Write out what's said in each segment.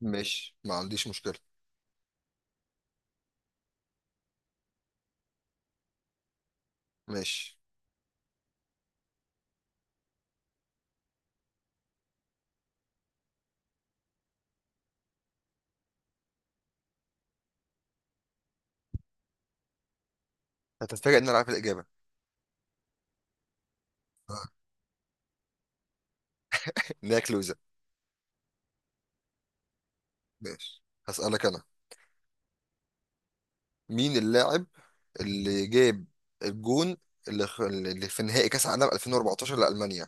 ماشي، ما عنديش مشكلة. ماشي. هتتفاجئ ان انا عارف الإجابة. ان هي كلوزة. ماشي، هسألك انا. مين اللاعب اللي جاب الجون اللي في نهائي كأس عالم 2014 لألمانيا؟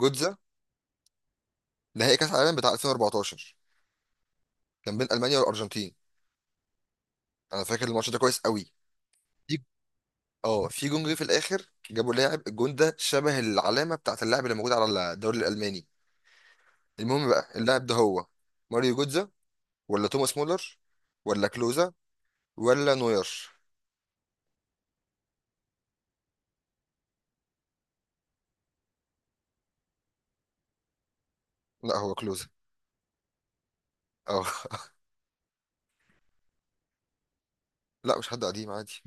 جوتزا. نهائي كأس عالم بتاع 2014 كان بين ألمانيا والأرجنتين. انا فاكر الماتش ده كويس قوي. في- اه، في جون جه في الاخر، جابوا لاعب الجون ده شبه العلامة بتاعت اللاعب اللي موجود على الدوري الألماني. المهم بقى اللاعب ده هو ماريو جوتزا، ولا توماس مولر، ولا كلوزا، ولا نوير؟ لا، هو كلوزا. اه. لا، مش حد قديم، عادي.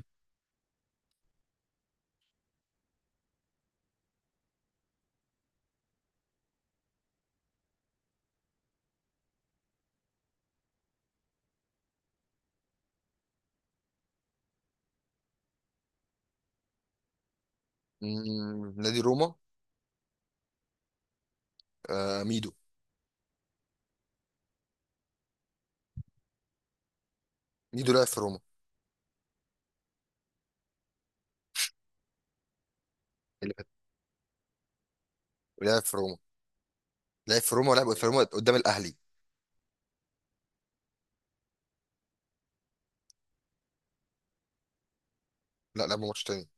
نادي روما. آه ميدو. ميدو لعب في روما. لعب في روما. لعب في روما ولعب في روما قدام الاهلي. لا، لعب ماتش تاني.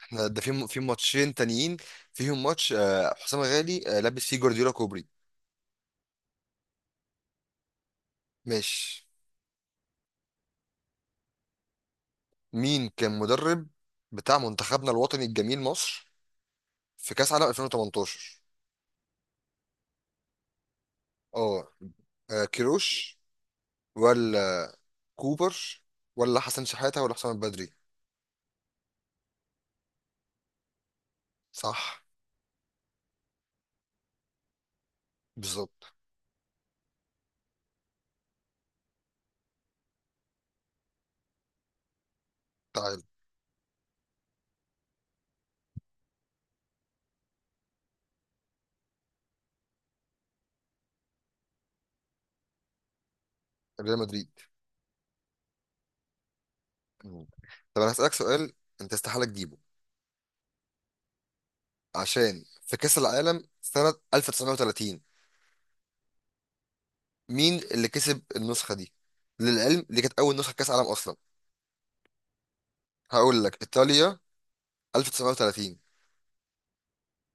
احنا ده في ماتشين تانيين فيهم ماتش، حسام غالي لابس فيه جوارديولا كوبري. ماشي. مين كان مدرب بتاع منتخبنا الوطني الجميل مصر في كاس عالم 2018؟ اه. كيروش، ولا كوبر، ولا حسن شحاتة، ولا حسام البدري؟ صح. بالظبط. تعال. ريال مدريد. مم. طب انا هسألك سؤال، انت استحالة تجيبه. عشان في كأس العالم سنة 1930، مين اللي كسب النسخة دي؟ للعلم دي كانت اول نسخة كأس عالم اصلا. هقول لك ايطاليا. 1930.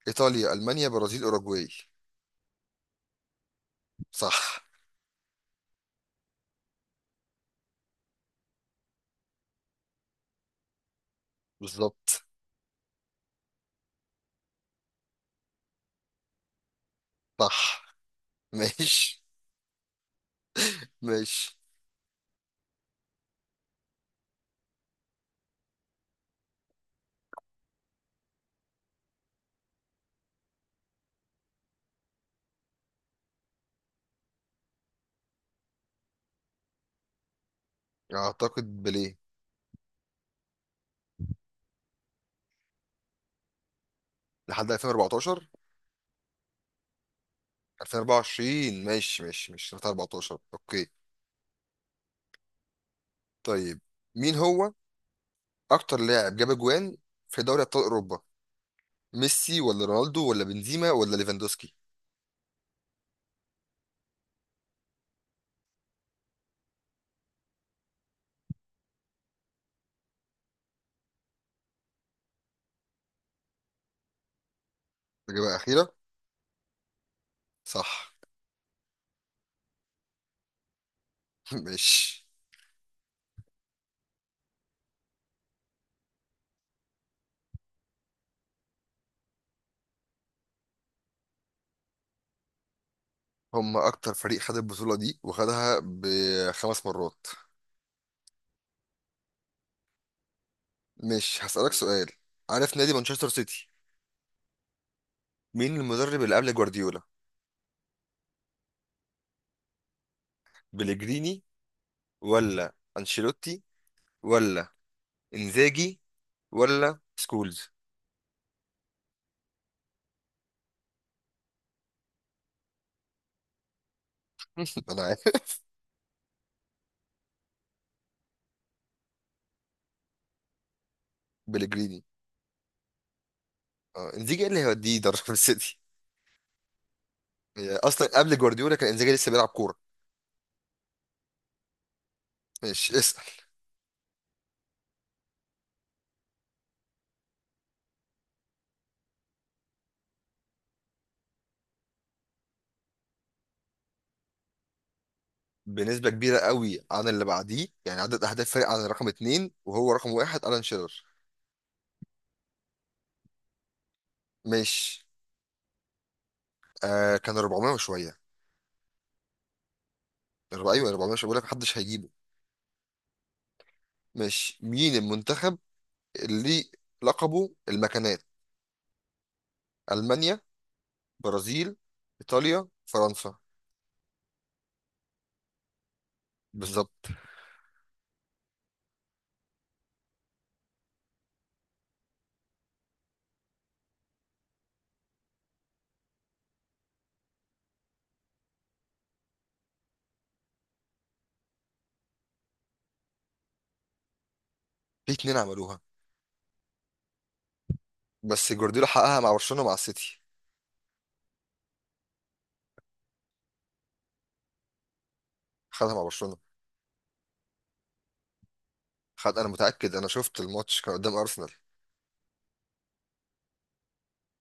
ايطاليا، المانيا، برازيل، اوروجواي؟ صح. بالظبط. صح. ماشي. ماشي. اعتقد بليه. لحد 2014. 2024 ماشي ماشي، مش 2014، اوكي. طيب، مين هو اكتر لاعب جاب اجوان في دوري ابطال اوروبا؟ ميسي، ولا رونالدو، ولا بنزيما، ولا ليفاندوسكي؟ إجابة أخيرة. صح. ماشي. هم أكتر فريق خد البطولة دي وخدها بخمس مرات. ماشي، هسألك سؤال. عارف نادي مانشستر سيتي؟ مين المدرب اللي قبل جوارديولا؟ بليجريني، ولا أنشيلوتي، ولا إنزاجي، ولا سكولز؟ أنا عارف. بليجريني. اه، إنزاجي إيه اللي هيوديه يدرب السيتي؟ هي أصلا قبل جوارديولا كان إنزاجي لسه بيلعب كورة. ماشي، اسأل. بنسبة كبيرة قوي عن اللي بعديه، يعني عدد أهداف فرق عن رقم اتنين، وهو رقم واحد ألان شيرر. مش كان 400 وشوية. أيوة 400. مش بقول لك محدش هيجيبه؟ مش مين المنتخب اللي لقبه المكانات؟ ألمانيا، برازيل، إيطاليا، فرنسا؟ بالظبط. في اتنين عملوها، بس جوارديولا حققها مع برشلونة مع السيتي. خدها مع برشلونة. خد، أنا متأكد، أنا شفت الماتش كان قدام أرسنال.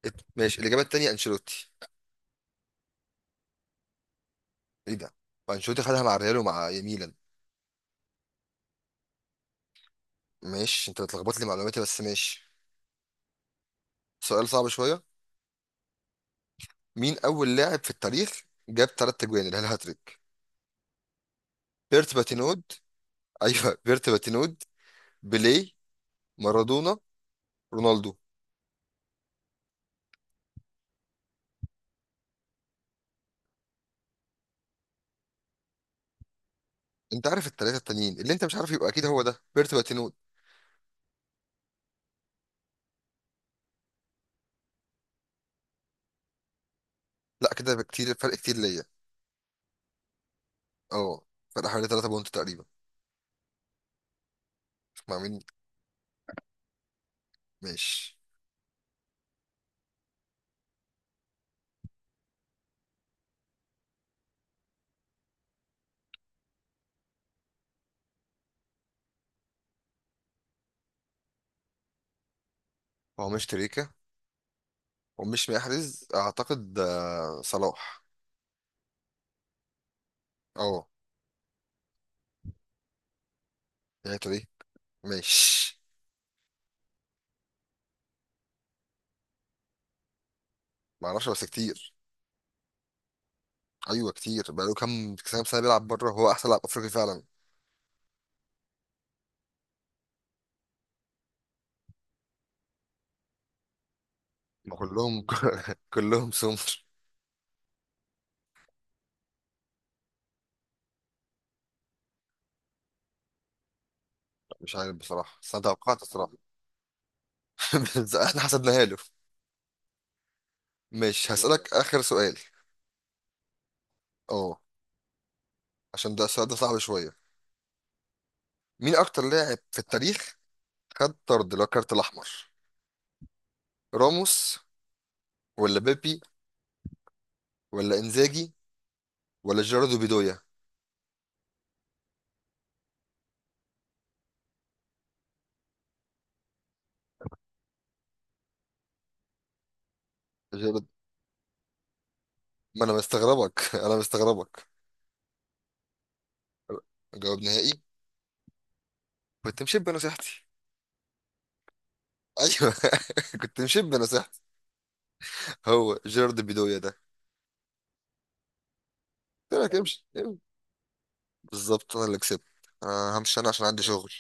ماشي. الإجابة التانية أنشيلوتي. إيه ده؟ أنشيلوتي خدها مع ريال ومع ميلان. ماشي، انت بتلخبط لي معلوماتي، بس ماشي. سؤال صعب شويه. مين اول لاعب في التاريخ جاب ثلاث تجوان اللي هي الهاتريك؟ بيرت باتينود. ايوه بيرت باتينود، بيليه، مارادونا، رونالدو؟ انت عارف الثلاثه التانيين، اللي انت مش عارف يبقى اكيد هو ده بيرت باتينود. لا، كده بكتير، فرق كتير ليا. اه، فرق حوالي 3 بونت تقريبا. مع مين؟ ماشي. هو مش تريكا، ومش محرز اعتقد. صلاح. اه. يعني تري. ماشي. معرفش، بس كتير. ايوه كتير، بقاله كام كام سنه بيلعب بره، هو احسن لاعب افريقي فعلا. ما كلهم. كلهم سمر. مش عارف بصراحه، بس انا توقعت الصراحه. بس احنا حسبناها له. مش هسالك اخر سؤال. اه. عشان ده السؤال ده صعب شويه. مين اكتر لاعب في التاريخ خد طرد اللي هو الكارت الاحمر؟ راموس، ولا بيبي، ولا انزاجي، ولا جيراردو بيدويا؟ جيرارد- ما انا مستغربك. انا مستغربك. جواب نهائي. كنت مشيب بنصيحتي. ايوه. كنت مشيب بنصيحتي. هو جيرارد بيدويا ده. قلت لك امشي. امشي. بالظبط، انا اللي كسبت. انا همشي انا عشان عندي شغل